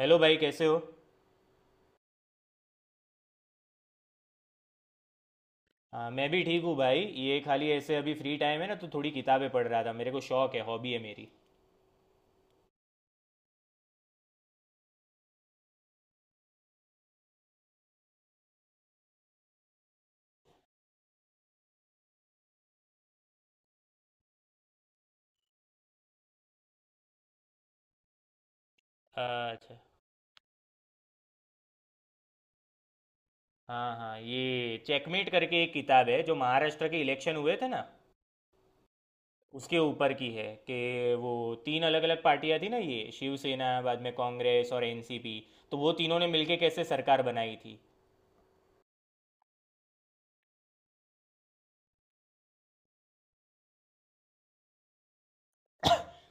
Hello भाई, कैसे हो। हाँ, मैं भी ठीक हूँ भाई। ये खाली ऐसे अभी फ्री टाइम है ना, तो थोड़ी किताबें पढ़ रहा था। मेरे को शौक है, हॉबी है मेरी। अच्छा, हाँ हाँ, ये चेकमेट करके एक किताब है। जो महाराष्ट्र के इलेक्शन हुए थे ना, उसके ऊपर की है कि वो तीन अलग अलग पार्टियां थी ना, ये शिवसेना, बाद में कांग्रेस और एनसीपी, तो वो तीनों ने मिलके कैसे सरकार बनाई थी।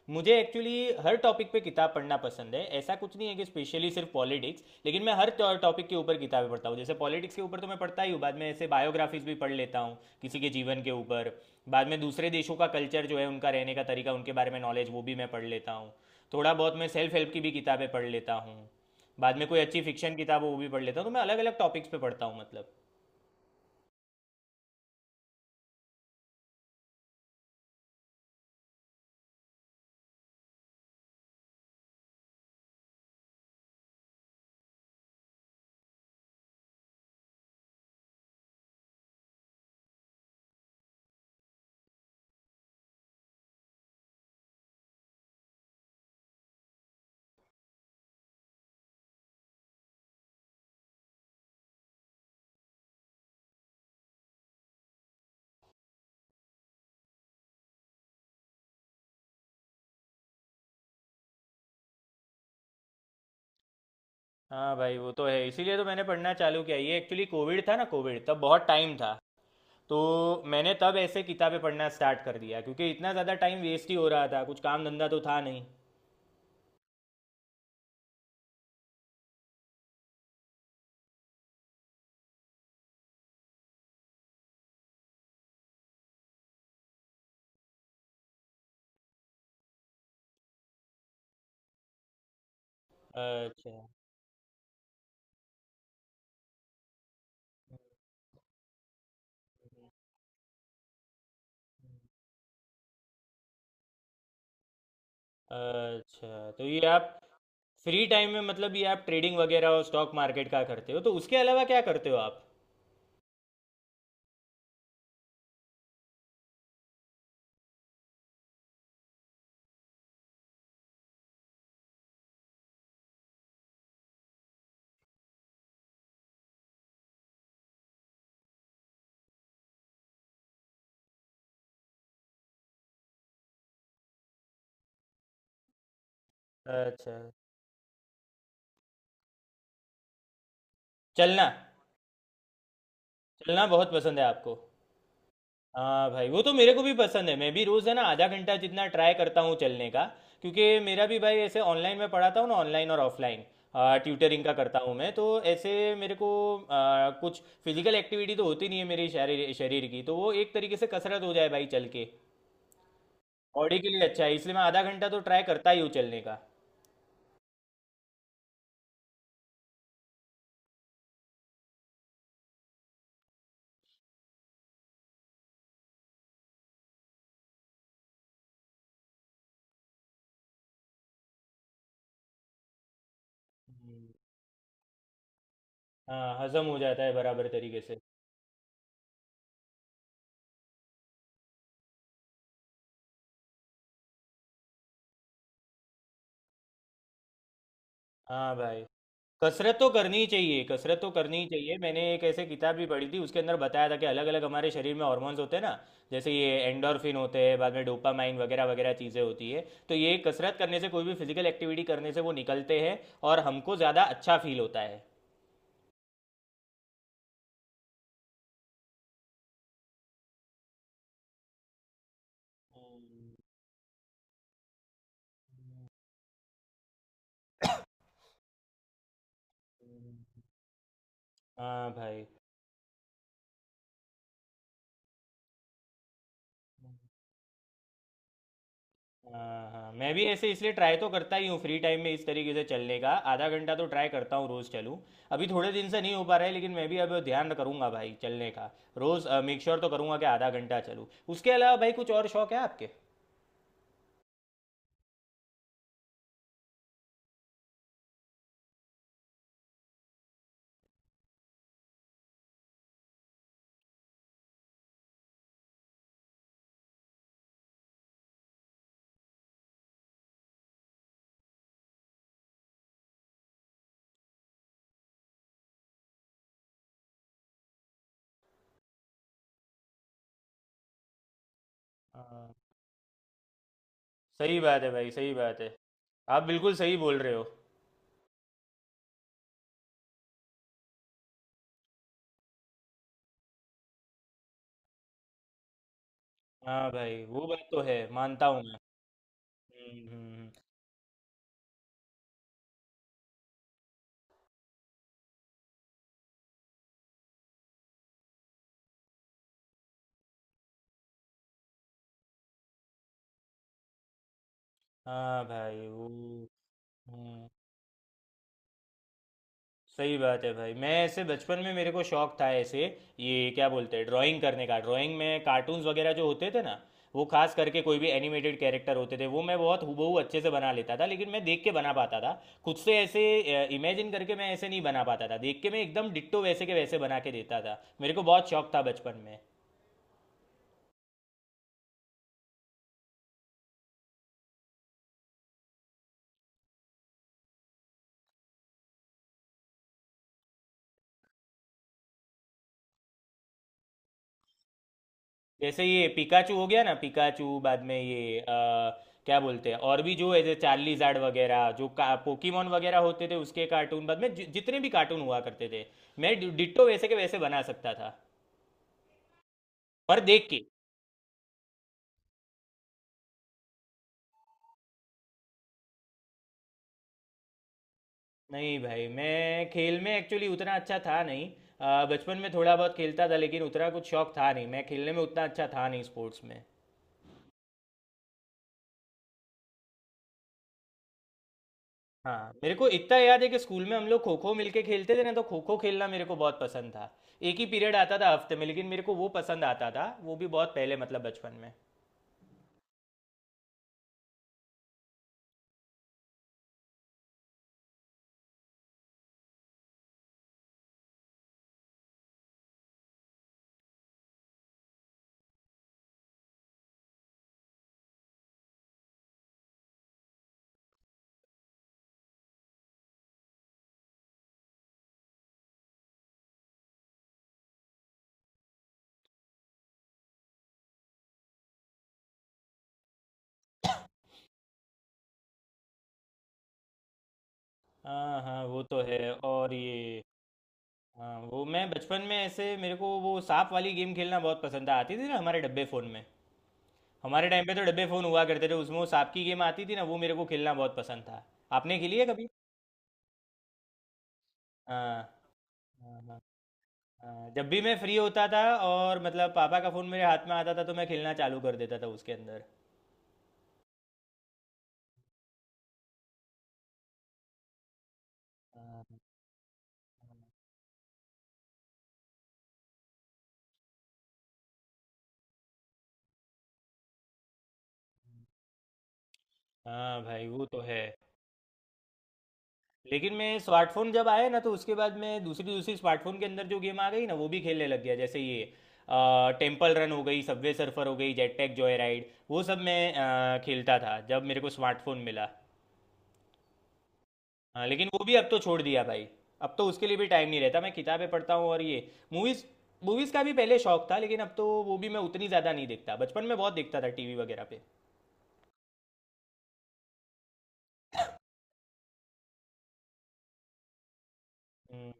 मुझे एक्चुअली हर टॉपिक पे किताब पढ़ना पसंद है। ऐसा कुछ नहीं है कि स्पेशली सिर्फ पॉलिटिक्स, लेकिन मैं हर टॉपिक के ऊपर किताबें पढ़ता हूँ। जैसे पॉलिटिक्स के ऊपर तो मैं पढ़ता ही हूँ, बाद में ऐसे बायोग्राफीज भी पढ़ लेता हूँ, किसी के जीवन के ऊपर। बाद में दूसरे देशों का कल्चर जो है, उनका रहने का तरीका, उनके बारे में नॉलेज वो भी मैं पढ़ लेता हूँ। थोड़ा बहुत मैं सेल्फ हेल्प की भी किताबें पढ़ लेता हूँ। बाद में कोई अच्छी फिक्शन किताब हो वो भी पढ़ लेता हूँ। तो मैं अलग अलग टॉपिक्स पे पढ़ता हूँ, मतलब। हाँ भाई, वो तो है। इसीलिए तो मैंने पढ़ना चालू किया। ये एक्चुअली कोविड था ना, कोविड तब बहुत टाइम था, तो मैंने तब ऐसे किताबें पढ़ना स्टार्ट कर दिया। क्योंकि इतना ज़्यादा टाइम वेस्ट ही हो रहा था, कुछ काम धंधा तो था नहीं। अच्छा। अच्छा, तो ये आप फ्री टाइम में, मतलब ये आप ट्रेडिंग वगैरह और स्टॉक मार्केट का करते हो, तो उसके अलावा क्या करते हो आप। अच्छा। चलना। चलना बहुत पसंद है आपको। हाँ भाई, वो तो मेरे को भी पसंद है। मैं भी रोज़ है ना, आधा घंटा जितना ट्राई करता हूँ चलने का। क्योंकि मेरा भी भाई, ऐसे ऑनलाइन में पढ़ाता हूँ ना, ऑनलाइन और ऑफलाइन ट्यूटरिंग का करता हूँ मैं तो। ऐसे मेरे को कुछ फिजिकल एक्टिविटी तो होती नहीं है मेरी। शरीर शरीर की तो वो एक तरीके से कसरत हो जाए भाई चल के। बॉडी के लिए अच्छा है, इसलिए मैं आधा घंटा तो ट्राई करता ही हूँ चलने का। हम्म। हाँ, हजम हो जाता है बराबर तरीके से। हाँ भाई, कसरत तो करनी ही चाहिए, कसरत तो करनी ही चाहिए। मैंने एक ऐसे किताब भी पढ़ी थी, उसके अंदर बताया था कि अलग अलग हमारे शरीर में हॉर्मोन्स होते हैं ना, जैसे ये एंडोर्फिन होते हैं, बाद में डोपामाइन वगैरह वगैरह चीज़ें होती है। तो ये कसरत करने से, कोई भी फिजिकल एक्टिविटी करने से वो निकलते हैं और हमको ज़्यादा अच्छा फील होता है। हाँ भाई। हाँ हाँ, मैं भी ऐसे इसलिए ट्राई तो करता ही हूँ फ्री टाइम में, इस तरीके से चलने का आधा घंटा तो ट्राई करता हूँ रोज़ चलूँ। अभी थोड़े दिन से नहीं हो पा रहा है, लेकिन मैं भी अब ध्यान करूँगा भाई चलने का। रोज़ मेक श्योर तो करूँगा कि आधा घंटा चलूँ। उसके अलावा भाई कुछ और शौक है आपके। हाँ। सही बात है भाई, सही बात है। आप बिल्कुल सही बोल रहे हो। हाँ भाई, वो बात तो है, मानता हूँ मैं। हम्म, हम्म, हम्म। हाँ भाई, वो। हम्म। सही बात है भाई। मैं ऐसे बचपन में मेरे को शौक था ऐसे, ये क्या बोलते हैं, ड्राइंग करने का। ड्राइंग में कार्टून्स वगैरह जो होते थे ना, वो खास करके कोई भी एनिमेटेड कैरेक्टर होते थे वो मैं बहुत हूबहू अच्छे से बना लेता था। लेकिन मैं देख के बना पाता था, खुद से ऐसे इमेजिन करके मैं ऐसे नहीं बना पाता था। देख के मैं एकदम डिट्टो वैसे के वैसे बना के देता था। मेरे को बहुत शौक था बचपन में। जैसे ये पिकाचू हो गया ना, पिकाचू, बाद में ये क्या बोलते हैं, और भी जो ऐसे चार्लीजार्ड वगैरह, जो पोकीमोन वगैरह होते थे उसके कार्टून, बाद में जितने भी कार्टून हुआ करते थे मैं डिट्टो वैसे के वैसे बना सकता था, पर देख के। नहीं भाई, मैं खेल में एक्चुअली उतना अच्छा था नहीं। बचपन में थोड़ा बहुत खेलता था लेकिन उतना कुछ शौक था नहीं। मैं खेलने में उतना अच्छा था नहीं, स्पोर्ट्स में। हाँ, मेरे को इतना याद है कि स्कूल में हम लोग खो खो मिलके खेलते थे ना, तो खो खो खेलना मेरे को बहुत पसंद था। एक ही पीरियड आता था हफ्ते में, लेकिन मेरे को वो पसंद आता था। वो भी बहुत पहले, मतलब बचपन में। हाँ हाँ, वो तो है। और ये, हाँ, वो मैं बचपन में ऐसे, मेरे को वो सांप वाली गेम खेलना बहुत पसंद था। आती थी ना हमारे डब्बे फ़ोन में। हमारे टाइम पे तो डब्बे फ़ोन हुआ करते थे, उसमें वो सांप की गेम आती थी ना, वो मेरे को खेलना बहुत पसंद था। आपने खेली है कभी। हाँ। हाँ हाँ। हाँ, जब भी मैं फ्री होता था और मतलब पापा का फोन मेरे हाथ में आता था तो मैं खेलना चालू कर देता था उसके अंदर। हाँ। हाँ भाई, वो तो है। लेकिन मैं, स्मार्टफोन जब आए ना, तो उसके बाद मैं दूसरी दूसरी स्मार्टफोन के अंदर जो गेम आ गई ना, वो भी खेलने लग गया। जैसे ये टेम्पल रन हो गई, सबवे सर्फर हो गई, जेट पैक जॉय राइड, वो सब मैं खेलता था जब मेरे को स्मार्टफोन मिला। हाँ लेकिन वो भी अब तो छोड़ दिया भाई। अब तो उसके लिए भी टाइम नहीं रहता। मैं किताबें पढ़ता हूँ और ये मूवीज़। मूवीज़ का भी पहले शौक था, लेकिन अब तो वो भी मैं उतनी ज़्यादा नहीं देखता। बचपन में बहुत देखता था टीवी वगैरह पे। हम्म,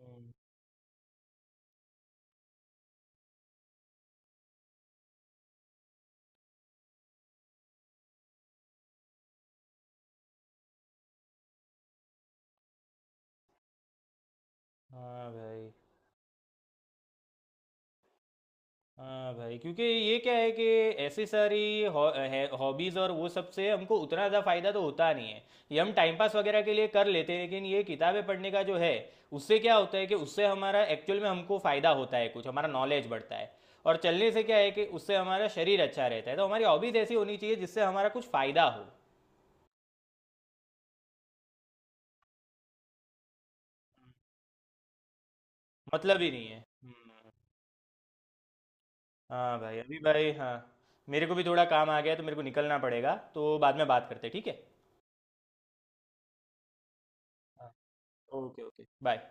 हम्म, हाँ भाई। हाँ भाई, क्योंकि ये क्या है कि ऐसी सारी हॉबीज़ और वो सब से हमको उतना ज़्यादा फ़ायदा तो होता नहीं है। ये हम टाइम पास वगैरह के लिए कर लेते हैं। लेकिन ये किताबें पढ़ने का जो है, उससे क्या होता है कि उससे हमारा एक्चुअल में हमको फ़ायदा होता है, कुछ हमारा नॉलेज बढ़ता है। और चलने से क्या है कि उससे हमारा शरीर अच्छा रहता है। तो हमारी हॉबीज़ ऐसी होनी चाहिए जिससे हमारा कुछ फ़ायदा हो। मतलब ही नहीं है। हम्म। हाँ भाई, अभी भाई, हाँ, मेरे को भी थोड़ा काम आ गया है, तो मेरे को निकलना पड़ेगा। तो बाद में बात करते हैं, ठीक है। हाँ, ओके ओके, बाय।